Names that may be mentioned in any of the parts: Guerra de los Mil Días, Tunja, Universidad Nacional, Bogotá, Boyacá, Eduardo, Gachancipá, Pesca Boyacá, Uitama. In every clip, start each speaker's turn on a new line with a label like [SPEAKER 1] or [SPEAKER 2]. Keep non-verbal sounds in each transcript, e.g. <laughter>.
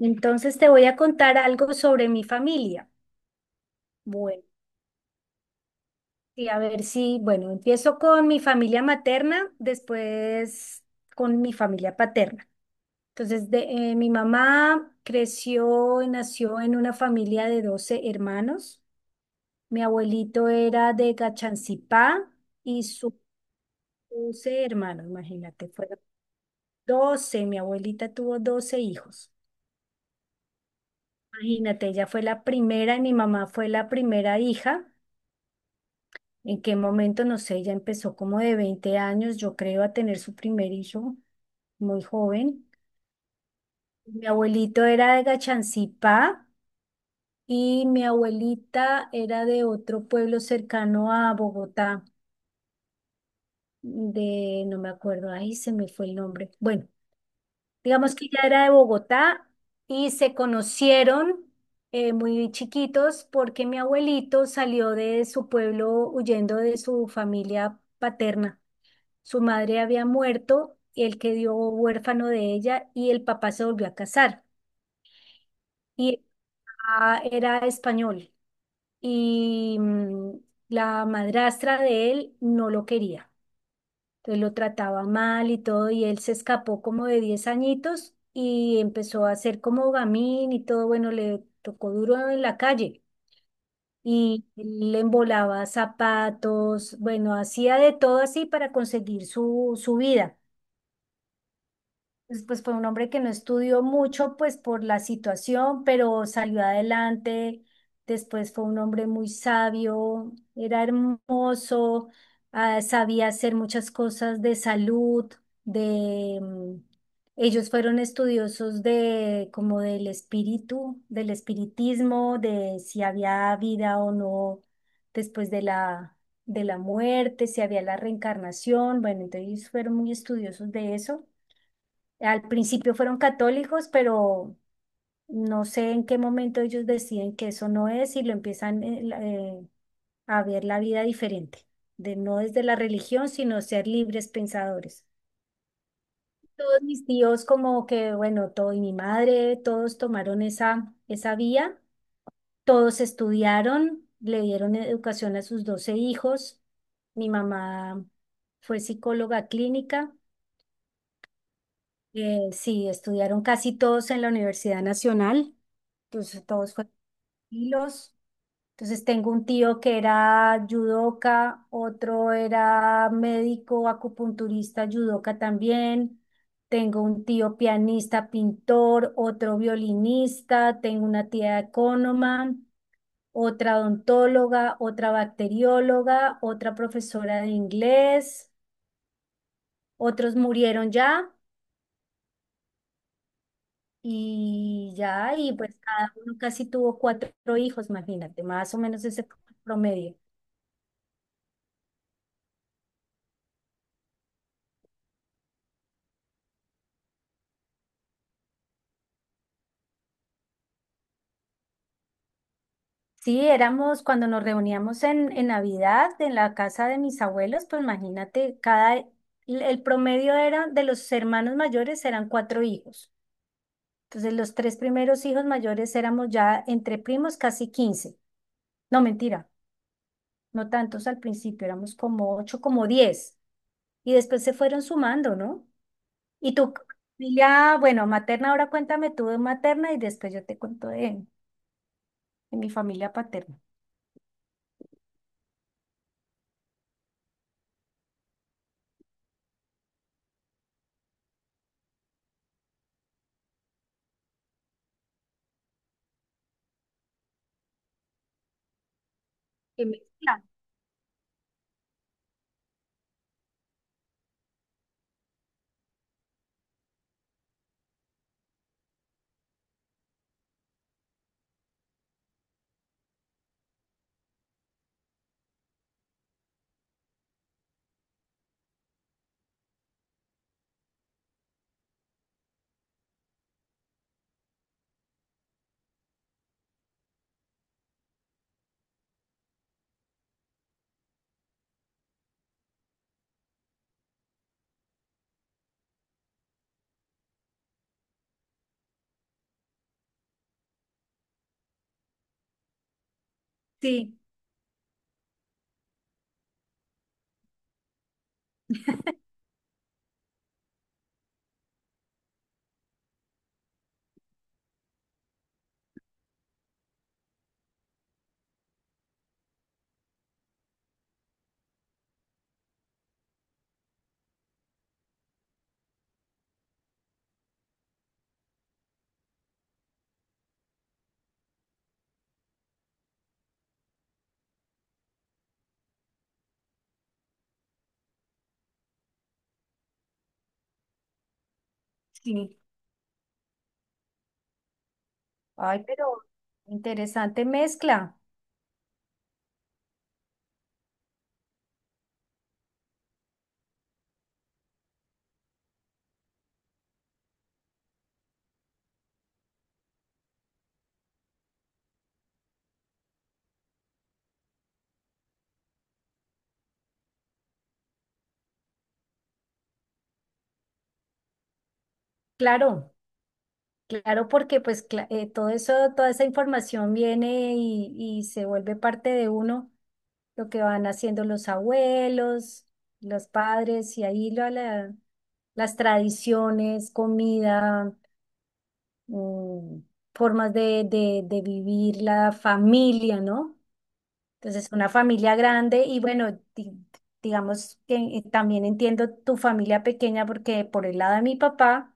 [SPEAKER 1] Entonces te voy a contar algo sobre mi familia. Bueno, y a ver si, bueno, empiezo con mi familia materna, después con mi familia paterna. Entonces, mi mamá creció y nació en una familia de 12 hermanos. Mi abuelito era de Gachancipá y sus 12 hermanos, imagínate, fueron 12. Mi abuelita tuvo 12 hijos. Imagínate, ella fue la primera y mi mamá fue la primera hija. ¿En qué momento? No sé, ella empezó como de 20 años, yo creo, a tener su primer hijo muy joven. Mi abuelito era de Gachancipá y mi abuelita era de otro pueblo cercano a Bogotá, no me acuerdo, ahí se me fue el nombre. Bueno, digamos que ella era de Bogotá y se conocieron muy chiquitos porque mi abuelito salió de su pueblo huyendo de su familia paterna. Su madre había muerto, el que dio huérfano de ella y el papá se volvió a casar. Y el papá era español y la madrastra de él no lo quería. Entonces lo trataba mal y todo y él se escapó como de 10 añitos y empezó a hacer como gamín y todo. Bueno, le tocó duro en la calle. Y le embolaba zapatos, bueno, hacía de todo así para conseguir su vida. Pues fue un hombre que no estudió mucho, pues por la situación, pero salió adelante. Después fue un hombre muy sabio, era hermoso, ah, sabía hacer muchas cosas de salud, de... mm, ellos fueron estudiosos de como del espíritu, del espiritismo, de si había vida o no después de la muerte, si había la reencarnación. Bueno, entonces fueron muy estudiosos de eso. Al principio fueron católicos, pero no sé en qué momento ellos deciden que eso no es y lo empiezan a ver la vida diferente, de no desde la religión, sino ser libres pensadores. Todos mis tíos como que, bueno, todo y mi madre, todos tomaron esa vía, todos estudiaron, le dieron educación a sus 12 hijos. Mi mamá fue psicóloga clínica, sí, estudiaron casi todos en la Universidad Nacional. Entonces todos fueron tranquilos. Entonces tengo un tío que era yudoka, otro era médico, acupunturista, yudoka también. Tengo un tío pianista, pintor, otro violinista, tengo una tía ecónoma, otra odontóloga, otra bacterióloga, otra profesora de inglés. Otros murieron ya y ya, y pues cada uno casi tuvo cuatro hijos, imagínate, más o menos ese fue el promedio. Sí, éramos cuando nos reuníamos en Navidad en la casa de mis abuelos, pues imagínate, el promedio era de los hermanos mayores eran cuatro hijos. Entonces los tres primeros hijos mayores éramos ya entre primos casi 15, no, mentira, no tantos al principio, éramos como ocho, como 10. Y después se fueron sumando, ¿no? Y tu familia, bueno, materna, ahora cuéntame tú de materna y después yo te cuento de, mi familia paterna. ¿Qué mezcla? Sí, sí. Ay, pero interesante mezcla. Claro, claro, porque pues todo eso, toda esa información viene y se vuelve parte de uno, lo que van haciendo los abuelos, los padres, y ahí las tradiciones, comida, mm, formas de vivir la familia, ¿no? Entonces, una familia grande y bueno, digamos que también entiendo tu familia pequeña porque por el lado de mi papá,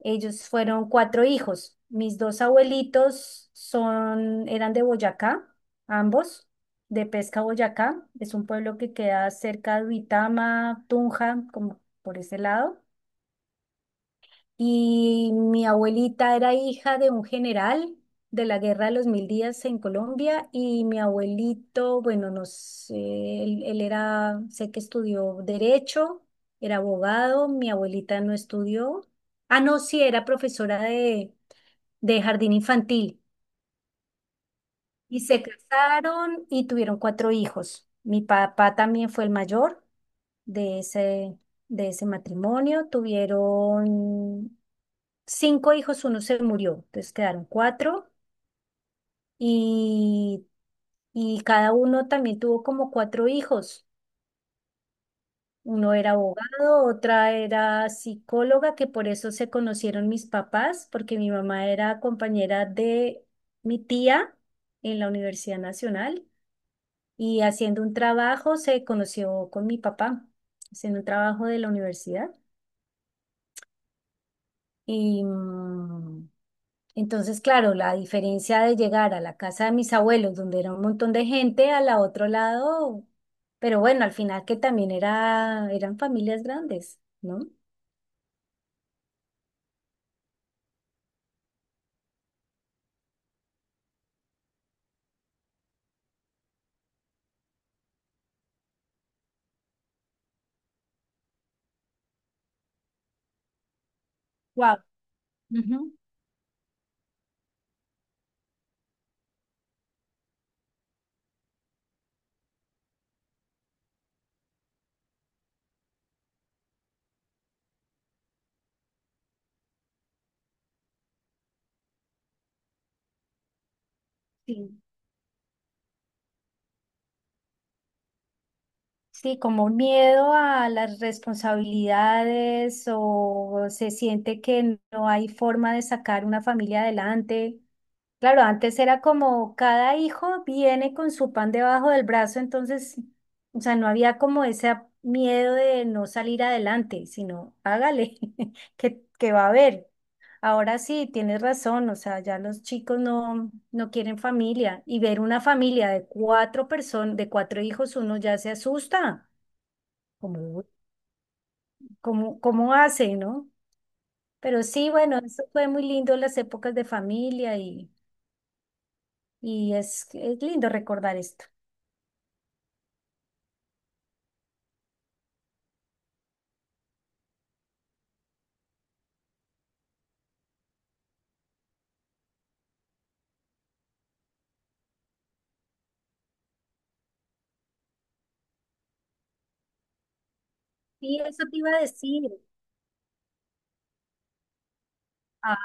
[SPEAKER 1] ellos fueron cuatro hijos. Mis dos abuelitos eran de Boyacá, ambos, de Pesca Boyacá. Es un pueblo que queda cerca de Uitama, Tunja, como por ese lado. Y mi abuelita era hija de un general de la Guerra de los Mil Días en Colombia y mi abuelito, bueno, no sé, él era, sé que estudió derecho, era abogado, mi abuelita no estudió. Ah, no, sí, era profesora de jardín infantil. Y se casaron y tuvieron cuatro hijos. Mi papá también fue el mayor de ese, matrimonio. Tuvieron cinco hijos, uno se murió, entonces quedaron cuatro y, y cada uno también tuvo como cuatro hijos. Uno era abogado, otra era psicóloga, que por eso se conocieron mis papás, porque mi mamá era compañera de mi tía en la Universidad Nacional y haciendo un trabajo se conoció con mi papá, haciendo un trabajo de la universidad. Y entonces, claro, la diferencia de llegar a la casa de mis abuelos, donde era un montón de gente, a la otro lado, pero bueno, al final que también eran familias grandes, ¿no? Wow. Ujú. Sí. Sí, como un miedo a las responsabilidades o se siente que no hay forma de sacar una familia adelante. Claro, antes era como cada hijo viene con su pan debajo del brazo, entonces, o sea, no había como ese miedo de no salir adelante, sino hágale, <laughs> que va a haber. Ahora sí, tienes razón, o sea, ya los chicos no, no quieren familia y ver una familia de cuatro personas, de cuatro hijos, uno ya se asusta, como, cómo hace, ¿no? Pero sí, bueno, eso fue muy lindo las épocas de familia y es lindo recordar esto. Sí, eso te iba a decir. Ah,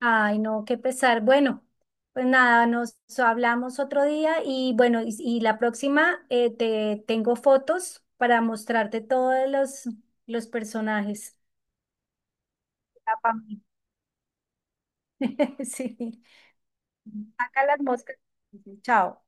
[SPEAKER 1] ay, no, qué pesar. Bueno, pues nada, nos hablamos otro día y bueno, y la próxima te tengo fotos para mostrarte todos los personajes. Ah, pa' <laughs> Sí. Saca las moscas. Chao.